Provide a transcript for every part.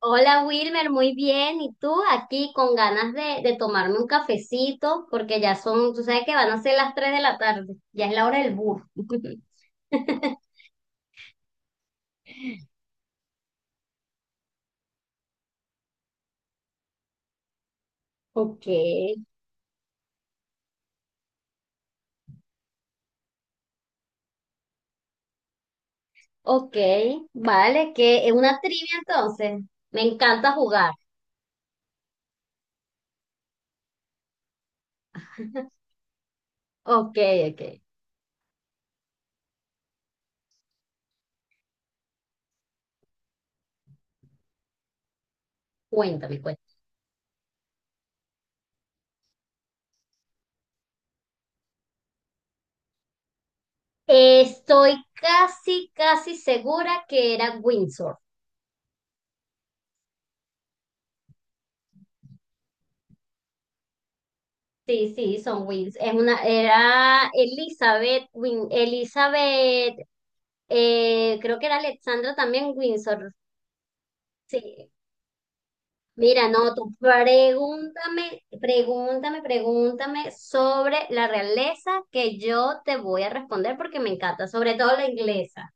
Hola Wilmer, muy bien. ¿Y tú aquí con ganas de tomarme un cafecito? Porque ya son, tú sabes que van a ser las 3 de la tarde, ya es la hora del bus. Ok, ok, vale, que es una trivia entonces. Me encanta jugar. Ok, ok, cuéntame, cuéntame. Estoy casi, casi segura que era Windsor. Sí, sí, son Wins. Es una, era Elizabeth Win, Elizabeth, creo que era Alexandra también Windsor. Sí. Mira, no, tú pregúntame, pregúntame, pregúntame sobre la realeza que yo te voy a responder porque me encanta, sobre todo la inglesa.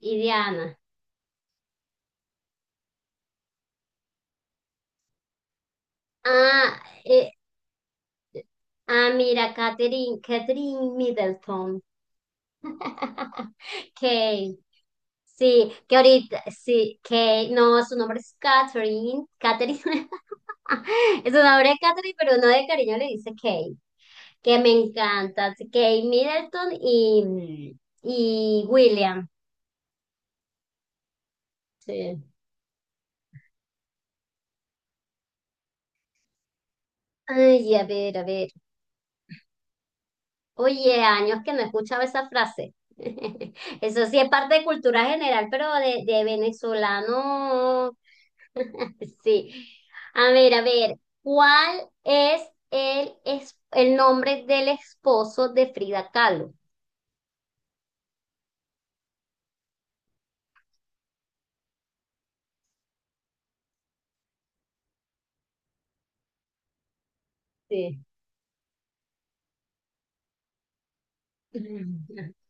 Y Diana. Ah, eh, mira, Catherine, Catherine Middleton. Kate, sí, que ahorita, sí, que no, su nombre es Catherine, Catherine, es un nombre de Catherine, pero no de cariño le dice Kate, que me encanta, Kate Middleton y William, sí. Ay, a ver, a ver. Oye, años que no escuchaba esa frase. Eso sí es parte de cultura general, pero de venezolano. Sí. A ver, ¿cuál es es el nombre del esposo de Frida Kahlo? Sí.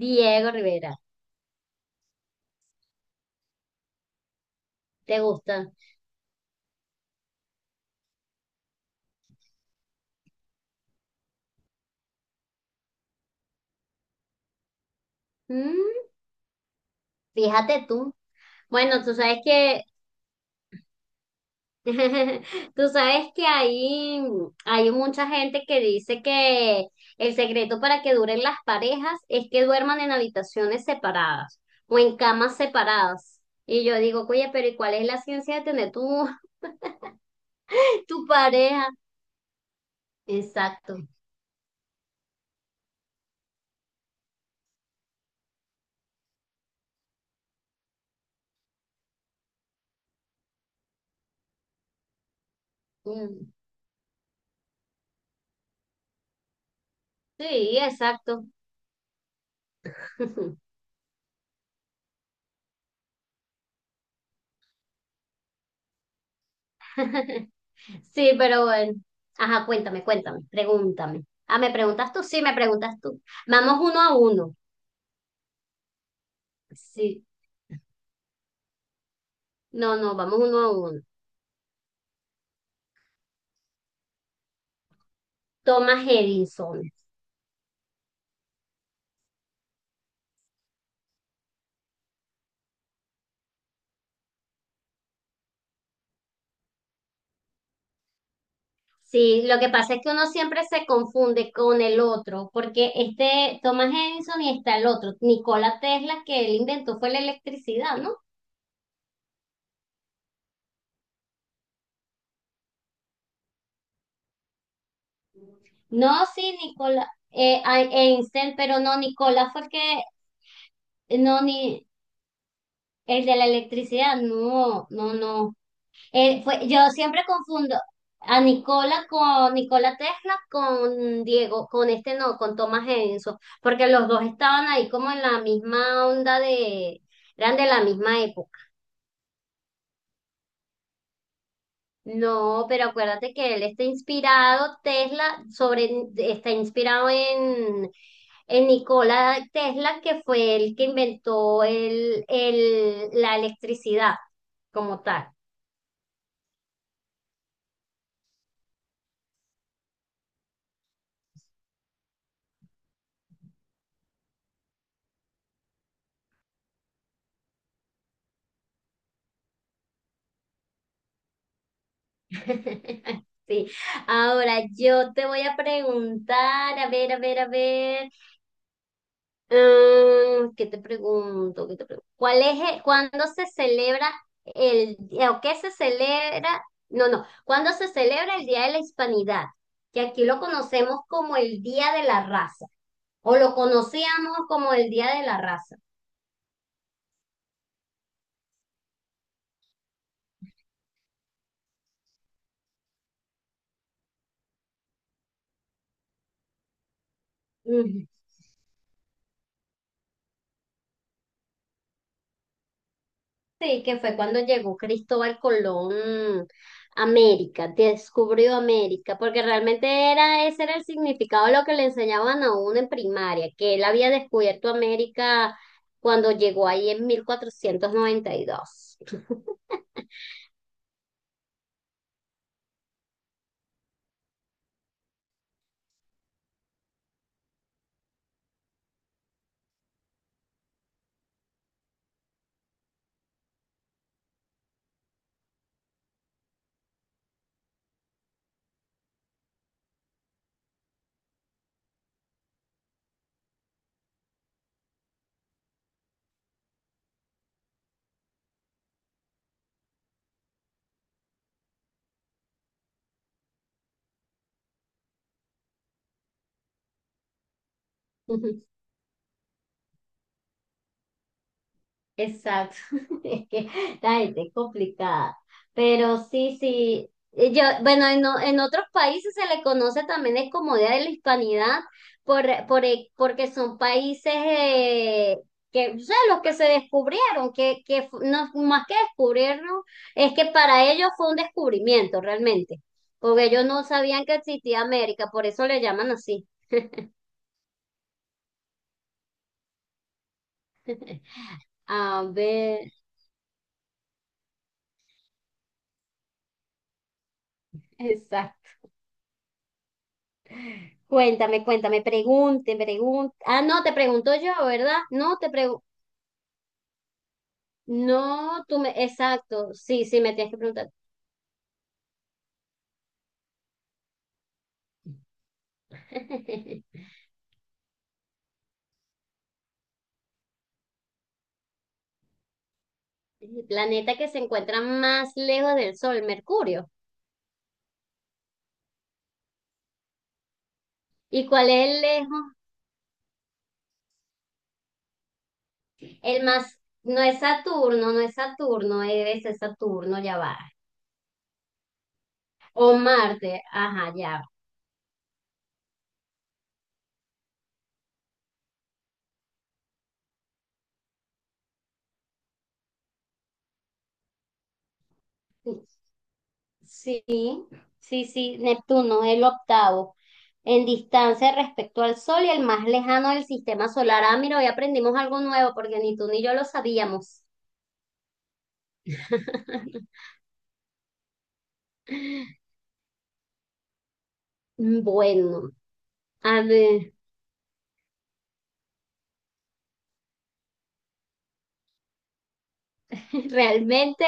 Diego Rivera. ¿Te gusta? Mm, fíjate tú. Bueno, tú sabes que tú sabes que hay mucha gente que dice que el secreto para que duren las parejas es que duerman en habitaciones separadas o en camas separadas. Y yo digo, oye, pero ¿y cuál es la ciencia de tener tu, tu pareja? Exacto. Mm, sí, exacto. Sí, pero bueno. Ajá, cuéntame, cuéntame, pregúntame. Ah, ¿me preguntas tú? Sí, me preguntas tú. Vamos uno a uno. Sí. No, no, vamos uno a uno. Thomas Edison. Sí, lo que pasa es que uno siempre se confunde con el otro, porque este Thomas Edison y está el otro, Nikola Tesla, que él inventó fue la electricidad, ¿no? No, sí, Nikola, Einstein, pero no, Nikola fue el que, no, ni el de la electricidad, no, no, no. Fue, yo siempre confundo a Nicola con Nicola Tesla con Diego, con este no, con Thomas Edison, porque los dos estaban ahí como en la misma onda de, eran de la misma época. No, pero acuérdate que él está inspirado, Tesla, sobre, está inspirado en Nikola Tesla, que fue el que inventó la electricidad como tal. Sí. Ahora yo te voy a preguntar, a ver, a ver, a ver, ah, ¿qué te pregunto? ¿Qué te pregunto? ¿Cuál es el- cuándo se celebra el, o qué se celebra? No, no, ¿cuándo se celebra el Día de la Hispanidad, que aquí lo conocemos como el Día de la Raza, o lo conocíamos como el Día de la Raza? Sí, que fue cuando llegó Cristóbal Colón a América, descubrió América, porque realmente era, ese era el significado de lo que le enseñaban a uno en primaria, que él había descubierto América cuando llegó ahí en 1492. Exacto, es que la gente es complicada, pero sí, sí, yo, bueno, en otros países se le conoce también es como Día de la Hispanidad por porque son países que, o sea, los que se descubrieron, no, más que descubrirlo, es que para ellos fue un descubrimiento realmente, porque ellos no sabían que existía América, por eso le llaman así. A ver, exacto. Cuéntame, cuéntame, pregunte, pregunte. Ah, no, te pregunto yo, ¿verdad? No, te pregunto. No, tú me. Exacto, sí, sí, me tienes que preguntar. El planeta que se encuentra más lejos del Sol, Mercurio. ¿Y cuál es el lejos? El más, no es Saturno, no es Saturno, es Saturno, ya va. O Marte, ajá, ya. Sí, sí, sí, Neptuno, el octavo en distancia respecto al Sol y el más lejano del sistema solar. Ah, mira, hoy aprendimos algo nuevo porque ni tú ni yo lo sabíamos. Bueno, a ver, realmente,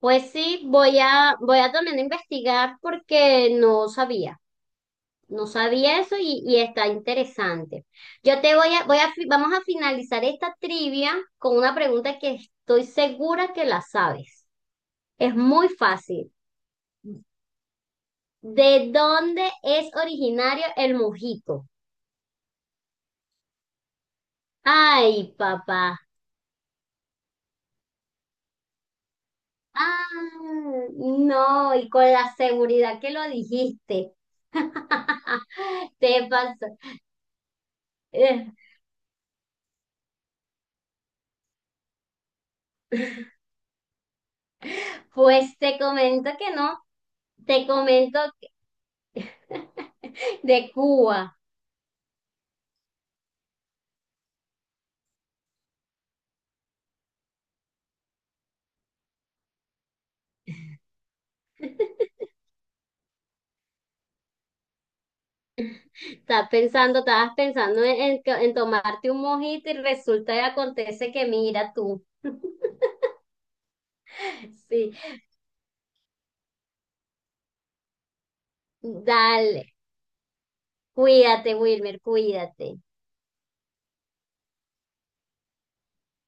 pues sí, voy a también investigar porque no sabía. No sabía eso y está interesante. Yo te voy a, vamos a finalizar esta trivia con una pregunta que estoy segura que la sabes. Es muy fácil. ¿De dónde es originario el mojito? Ay, papá. Ah, no, y con la seguridad que lo dijiste. Te pasó. Eh, pues te comento que no. Te comento que- de Cuba. Estás pensando, estabas pensando en que- en tomarte un mojito y resulta y acontece que mira tú. Sí, dale. Cuídate, Wilmer, cuídate.